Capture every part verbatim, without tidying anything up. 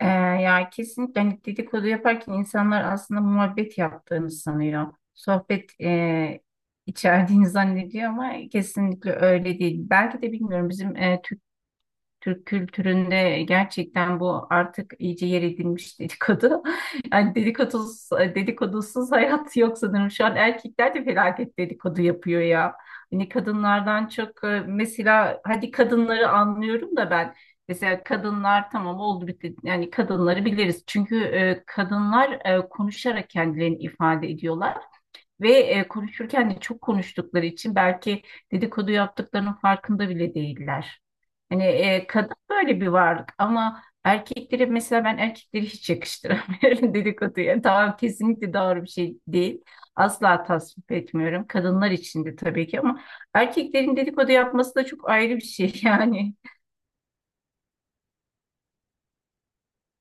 Ee, ya kesinlikle hani dedikodu yaparken insanlar aslında muhabbet yaptığını sanıyor. Sohbet e, içerdiğini zannediyor ama kesinlikle öyle değil. Belki de bilmiyorum bizim e, Türk kültüründe gerçekten bu artık iyice yer edinmiş dedikodu. Yani dedikodusuz, dedikodusuz hayat yok sanırım. Şu an erkekler de felaket dedikodu yapıyor ya. Hani kadınlardan çok e, mesela hadi kadınları anlıyorum da ben mesela kadınlar tamam oldu bitti yani kadınları biliriz. Çünkü e, kadınlar e, konuşarak kendilerini ifade ediyorlar. Ve e, konuşurken de çok konuştukları için belki dedikodu yaptıklarının farkında bile değiller. Hani e, kadın böyle bir varlık ama erkekleri mesela ben erkekleri hiç yakıştıramıyorum dedikoduya. Tamam kesinlikle doğru bir şey değil. Asla tasvip etmiyorum. Kadınlar için de tabii ki ama erkeklerin dedikodu yapması da çok ayrı bir şey yani.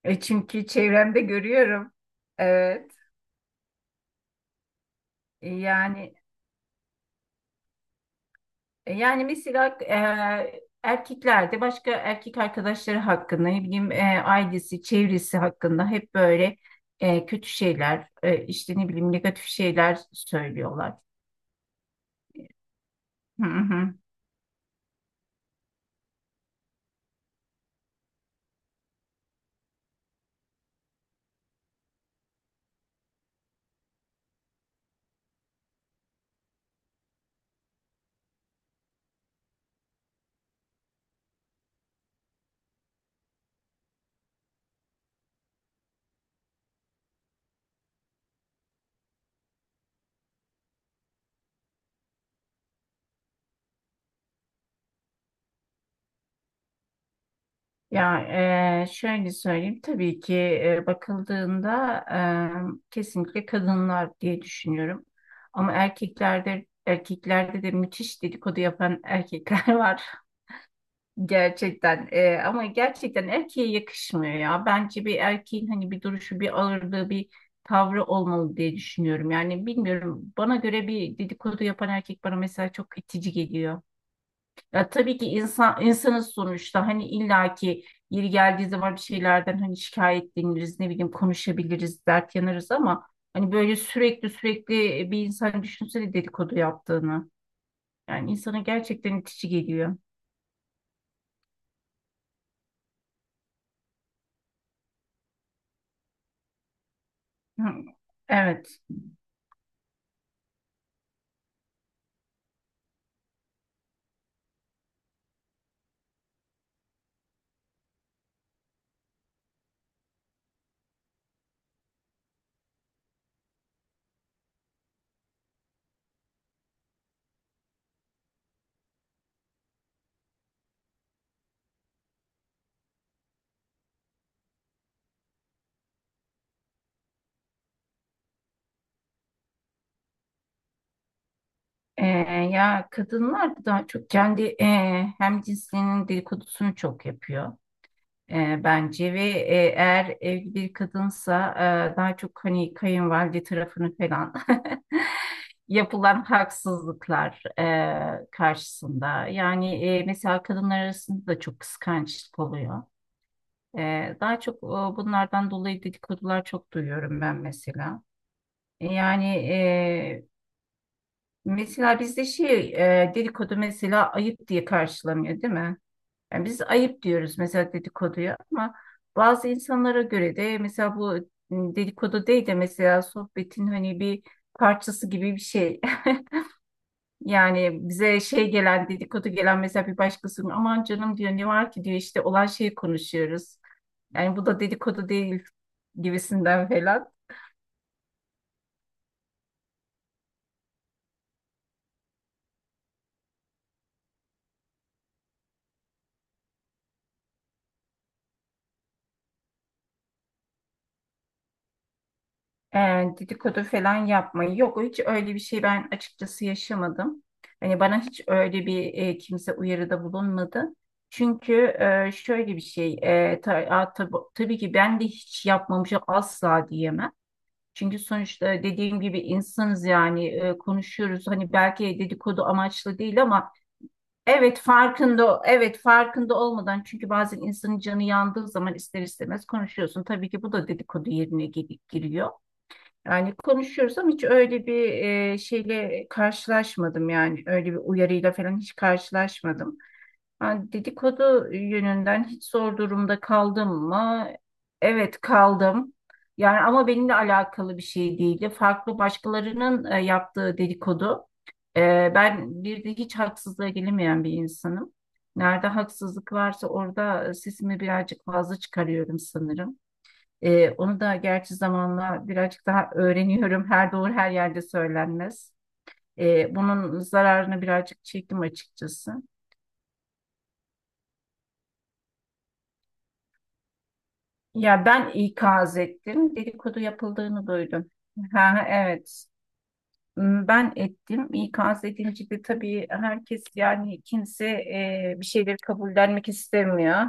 E, çünkü çevremde görüyorum. Evet. Yani E, Yani mesela e, erkeklerde başka erkek arkadaşları hakkında ne bileyim e, ailesi, çevresi hakkında hep böyle e, kötü şeyler, e, işte ne bileyim negatif şeyler söylüyorlar. Hı hı. Ya e, şöyle söyleyeyim tabii ki e, bakıldığında e, kesinlikle kadınlar diye düşünüyorum. Ama erkeklerde erkeklerde de müthiş dedikodu yapan erkekler var. Gerçekten e, ama gerçekten erkeğe yakışmıyor ya. Bence bir erkeğin hani bir duruşu, bir ağırlığı, bir tavrı olmalı diye düşünüyorum. Yani bilmiyorum bana göre bir dedikodu yapan erkek bana mesela çok itici geliyor. Ya tabii ki insan insanız sonuçta hani illaki yeri geldiği zaman bir şeylerden hani şikayetleniriz, ne bileyim konuşabiliriz, dert yanarız ama hani böyle sürekli sürekli bir insan düşünsene dedikodu yaptığını. Yani insana gerçekten itici geliyor. Hı, evet. Ee, Ya kadınlar daha çok kendi e, hem cinsinin dedikodusunu çok yapıyor ee, bence ve e, eğer evli bir kadınsa e, daha çok hani kayınvalide tarafını falan yapılan haksızlıklar e, karşısında yani e, mesela kadınlar arasında da çok kıskançlık oluyor. Ee, daha çok e, bunlardan dolayı dedikodular çok duyuyorum ben mesela. E, Yani mesela bizde şey e, dedikodu mesela ayıp diye karşılanıyor değil mi? Yani biz ayıp diyoruz mesela dedikoduya ama bazı insanlara göre de mesela bu m, dedikodu değil de mesela sohbetin hani bir parçası gibi bir şey. Yani bize şey gelen dedikodu gelen mesela bir başkasının aman canım diyor ne var ki diyor işte olan şeyi konuşuyoruz. Yani bu da dedikodu değil gibisinden falan. e, Dedikodu falan yapmayı. Yok hiç öyle bir şey ben açıkçası yaşamadım. Hani bana hiç öyle bir e, kimse uyarıda bulunmadı. Çünkü e, şöyle bir şey e, ta- a, tab- tabii ki ben de hiç yapmamışım asla diyemem. Çünkü sonuçta dediğim gibi insanız yani e, konuşuyoruz. Hani belki dedikodu amaçlı değil ama evet farkında evet farkında olmadan çünkü bazen insanın canı yandığı zaman ister istemez konuşuyorsun. Tabii ki bu da dedikodu yerine gir- giriyor. Yani konuşuyoruz ama hiç öyle bir e, şeyle karşılaşmadım yani öyle bir uyarıyla falan hiç karşılaşmadım. Yani dedikodu yönünden hiç zor durumda kaldım mı? Evet kaldım. Yani ama benimle alakalı bir şey değildi. Farklı başkalarının e, yaptığı dedikodu. E, ben bir de hiç haksızlığa gelemeyen bir insanım. Nerede haksızlık varsa orada e, sesimi birazcık fazla çıkarıyorum sanırım. Ee, onu da gerçi zamanla birazcık daha öğreniyorum. Her doğru her yerde söylenmez. Ee, bunun zararını birazcık çektim açıkçası. Ya ben ikaz ettim. Dedikodu yapıldığını duydum. Ha, evet. Hmm, ben ettim. İkaz edince de tabii herkes yani kimse e, bir şeyleri kabullenmek istemiyor.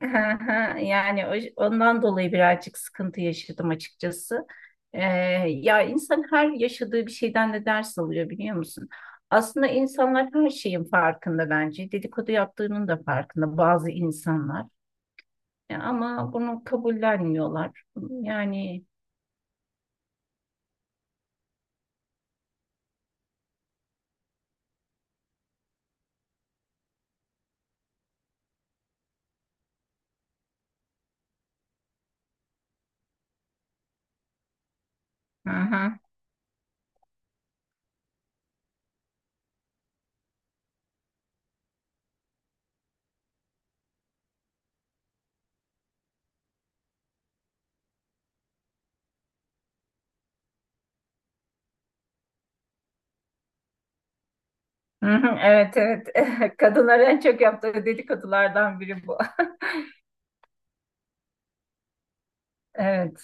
Ha, ha, yani o- ondan dolayı birazcık sıkıntı yaşadım açıkçası. Ee, Ya insan her yaşadığı bir şeyden de ders alıyor biliyor musun? Aslında insanlar her şeyin farkında bence. Dedikodu yaptığının da farkında bazı insanlar. Ya ama bunu kabullenmiyorlar. Yani hı hı. Hı hı. Evet, evet. Kadınlar en çok yaptığı dedikodulardan biri bu. Evet.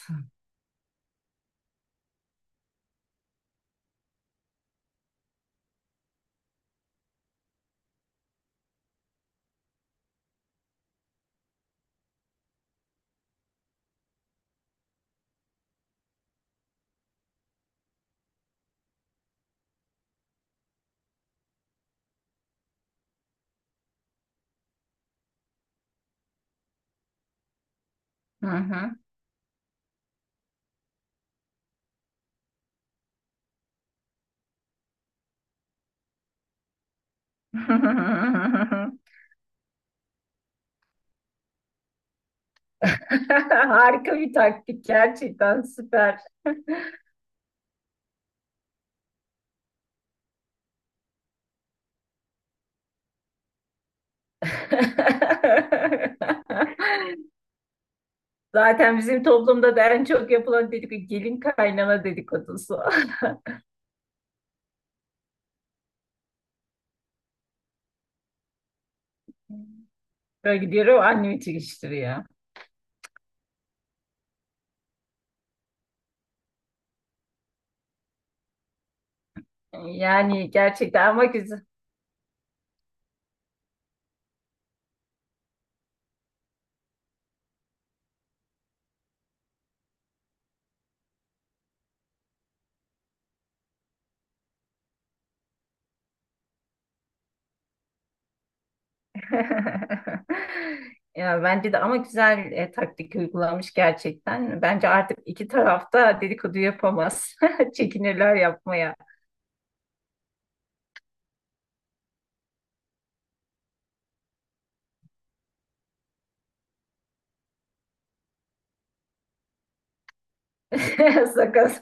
Hı hı. Harika bir taktik gerçekten süper. Zaten bizim toplumda da en çok yapılan dedikodu gelin kaynana dedikodusu. Böyle gidiyorum annemi çekiştiriyor. Yani gerçekten ama güzel. Ya bence de ama güzel e, taktik uygulamış gerçekten. Bence artık iki tarafta dedikodu yapamaz. Çekinirler yapmaya. Sakız.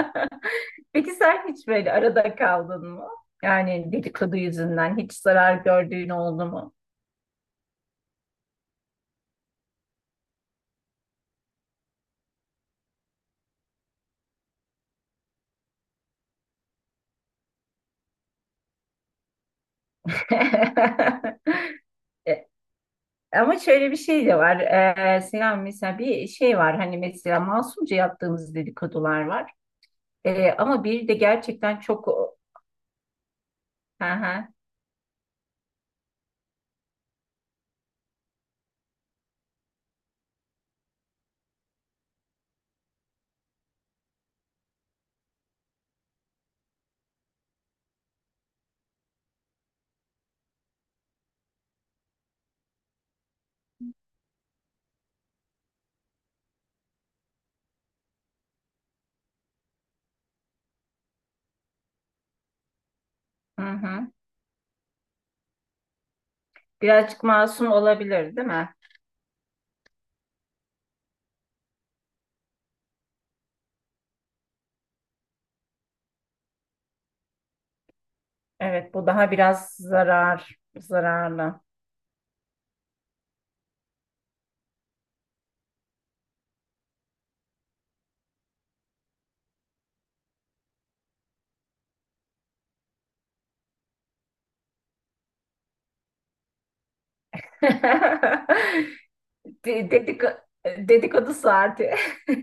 Peki sen hiç böyle arada kaldın mı? Yani dedikodu yüzünden hiç zarar gördüğün oldu mu? E, Ama şöyle bir şey de var. E, Selam mesela bir şey var. Hani mesela masumca yaptığımız dedikodular var. E, ama bir de gerçekten çok hı hı, hı hı. Birazcık masum olabilir, değil mi? Evet, bu daha biraz zarar, zararlı. De- Dedik Dedikodu saati.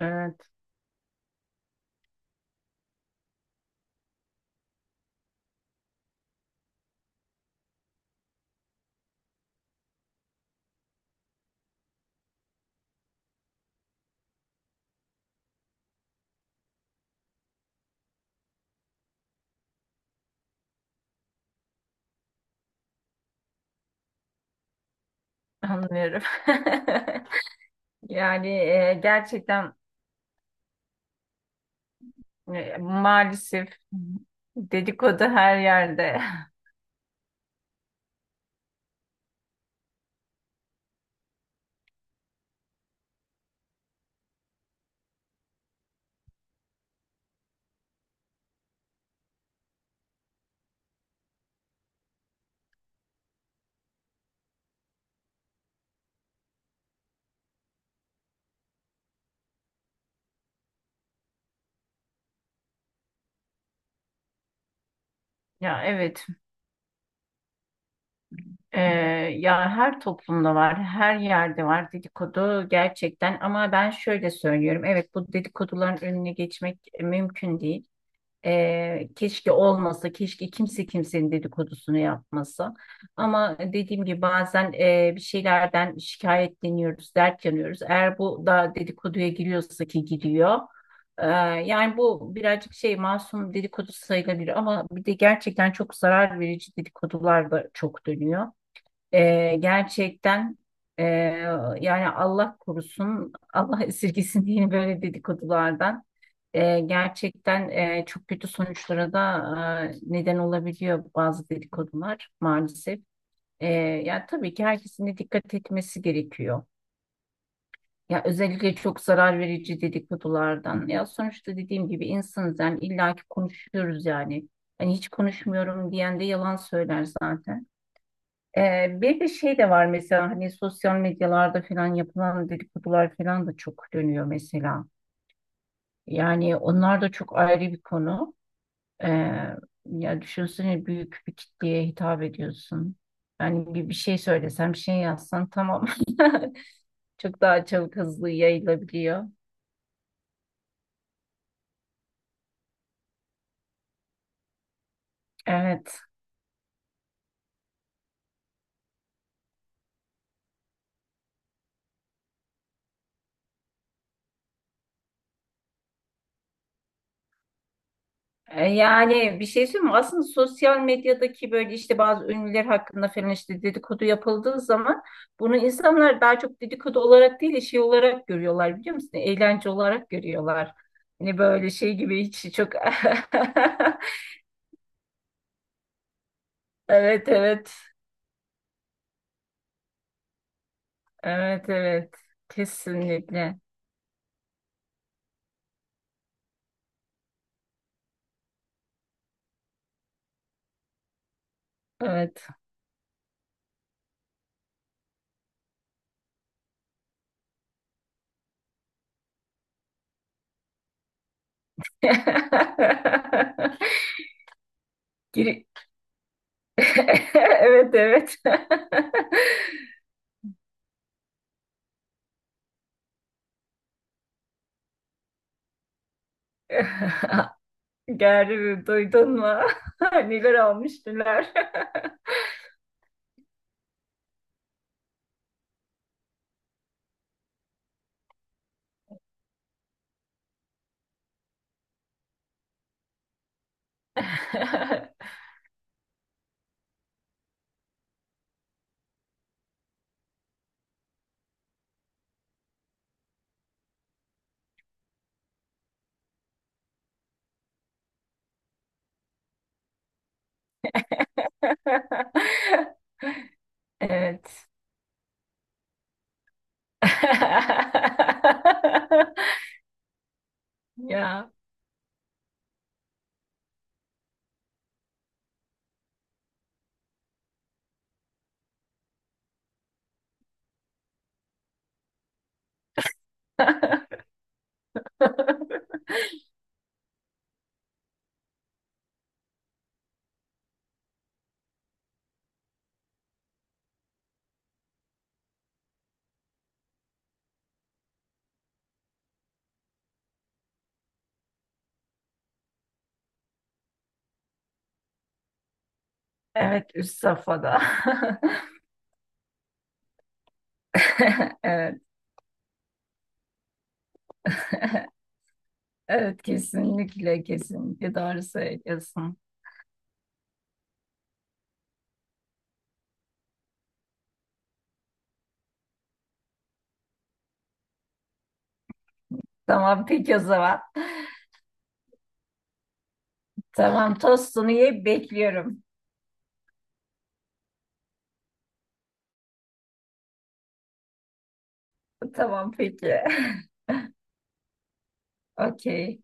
Evet, anlıyorum. Yani e, gerçekten e, maalesef dedikodu her yerde. Ya evet. Ee, Ya her toplumda var, her yerde var dedikodu gerçekten ama ben şöyle söylüyorum. Evet bu dedikoduların önüne geçmek mümkün değil. Ee, keşke olmasa, keşke kimse kimsenin dedikodusunu yapmasa. Ama dediğim gibi bazen e, bir şeylerden şikayetleniyoruz, dert yanıyoruz. Eğer bu da dedikoduya giriyorsa ki giriyor. Ee, Yani bu birazcık şey masum dedikodu sayılabilir ama bir de gerçekten çok zarar verici dedikodular da çok dönüyor. Ee, gerçekten ee, yani Allah korusun, Allah esirgesin diye böyle dedikodulardan Ee, gerçekten ee, çok kötü sonuçlara da ee, neden olabiliyor bazı dedikodular maalesef. Ee, Yani tabii ki herkesin de dikkat etmesi gerekiyor. Ya özellikle çok zarar verici dedikodulardan. Ya sonuçta dediğim gibi insanız yani illaki konuşuyoruz yani. Hani hiç konuşmuyorum diyen de yalan söyler zaten. Ee, bir de şey de var mesela hani sosyal medyalarda falan yapılan dedikodular falan da çok dönüyor mesela. Yani onlar da çok ayrı bir konu. Ee, Ya düşünsene büyük bir kitleye hitap ediyorsun. Yani bir, bir şey söylesen, bir şey yazsan tamam. Çok daha çabuk hızlı yayılabiliyor. Evet. E, Yani bir şey söyleyeyim mi? Aslında sosyal medyadaki böyle işte bazı ünlüler hakkında falan işte dedikodu yapıldığı zaman bunu insanlar daha çok dedikodu olarak değil de şey olarak görüyorlar biliyor musun? Eğlence olarak görüyorlar. Hani böyle şey gibi hiç çok evet, evet. Evet, evet. Kesinlikle. Evet. Giri- Evet, evet. Gerri duydun mu? Neler olmuş neler. Evet. Ya. Evet üst safhada. Evet. Evet kesinlikle kesinlikle doğru söylüyorsun. Tamam peki o zaman. Tamam tostunu yiyip bekliyorum. Tamam peki. Okey.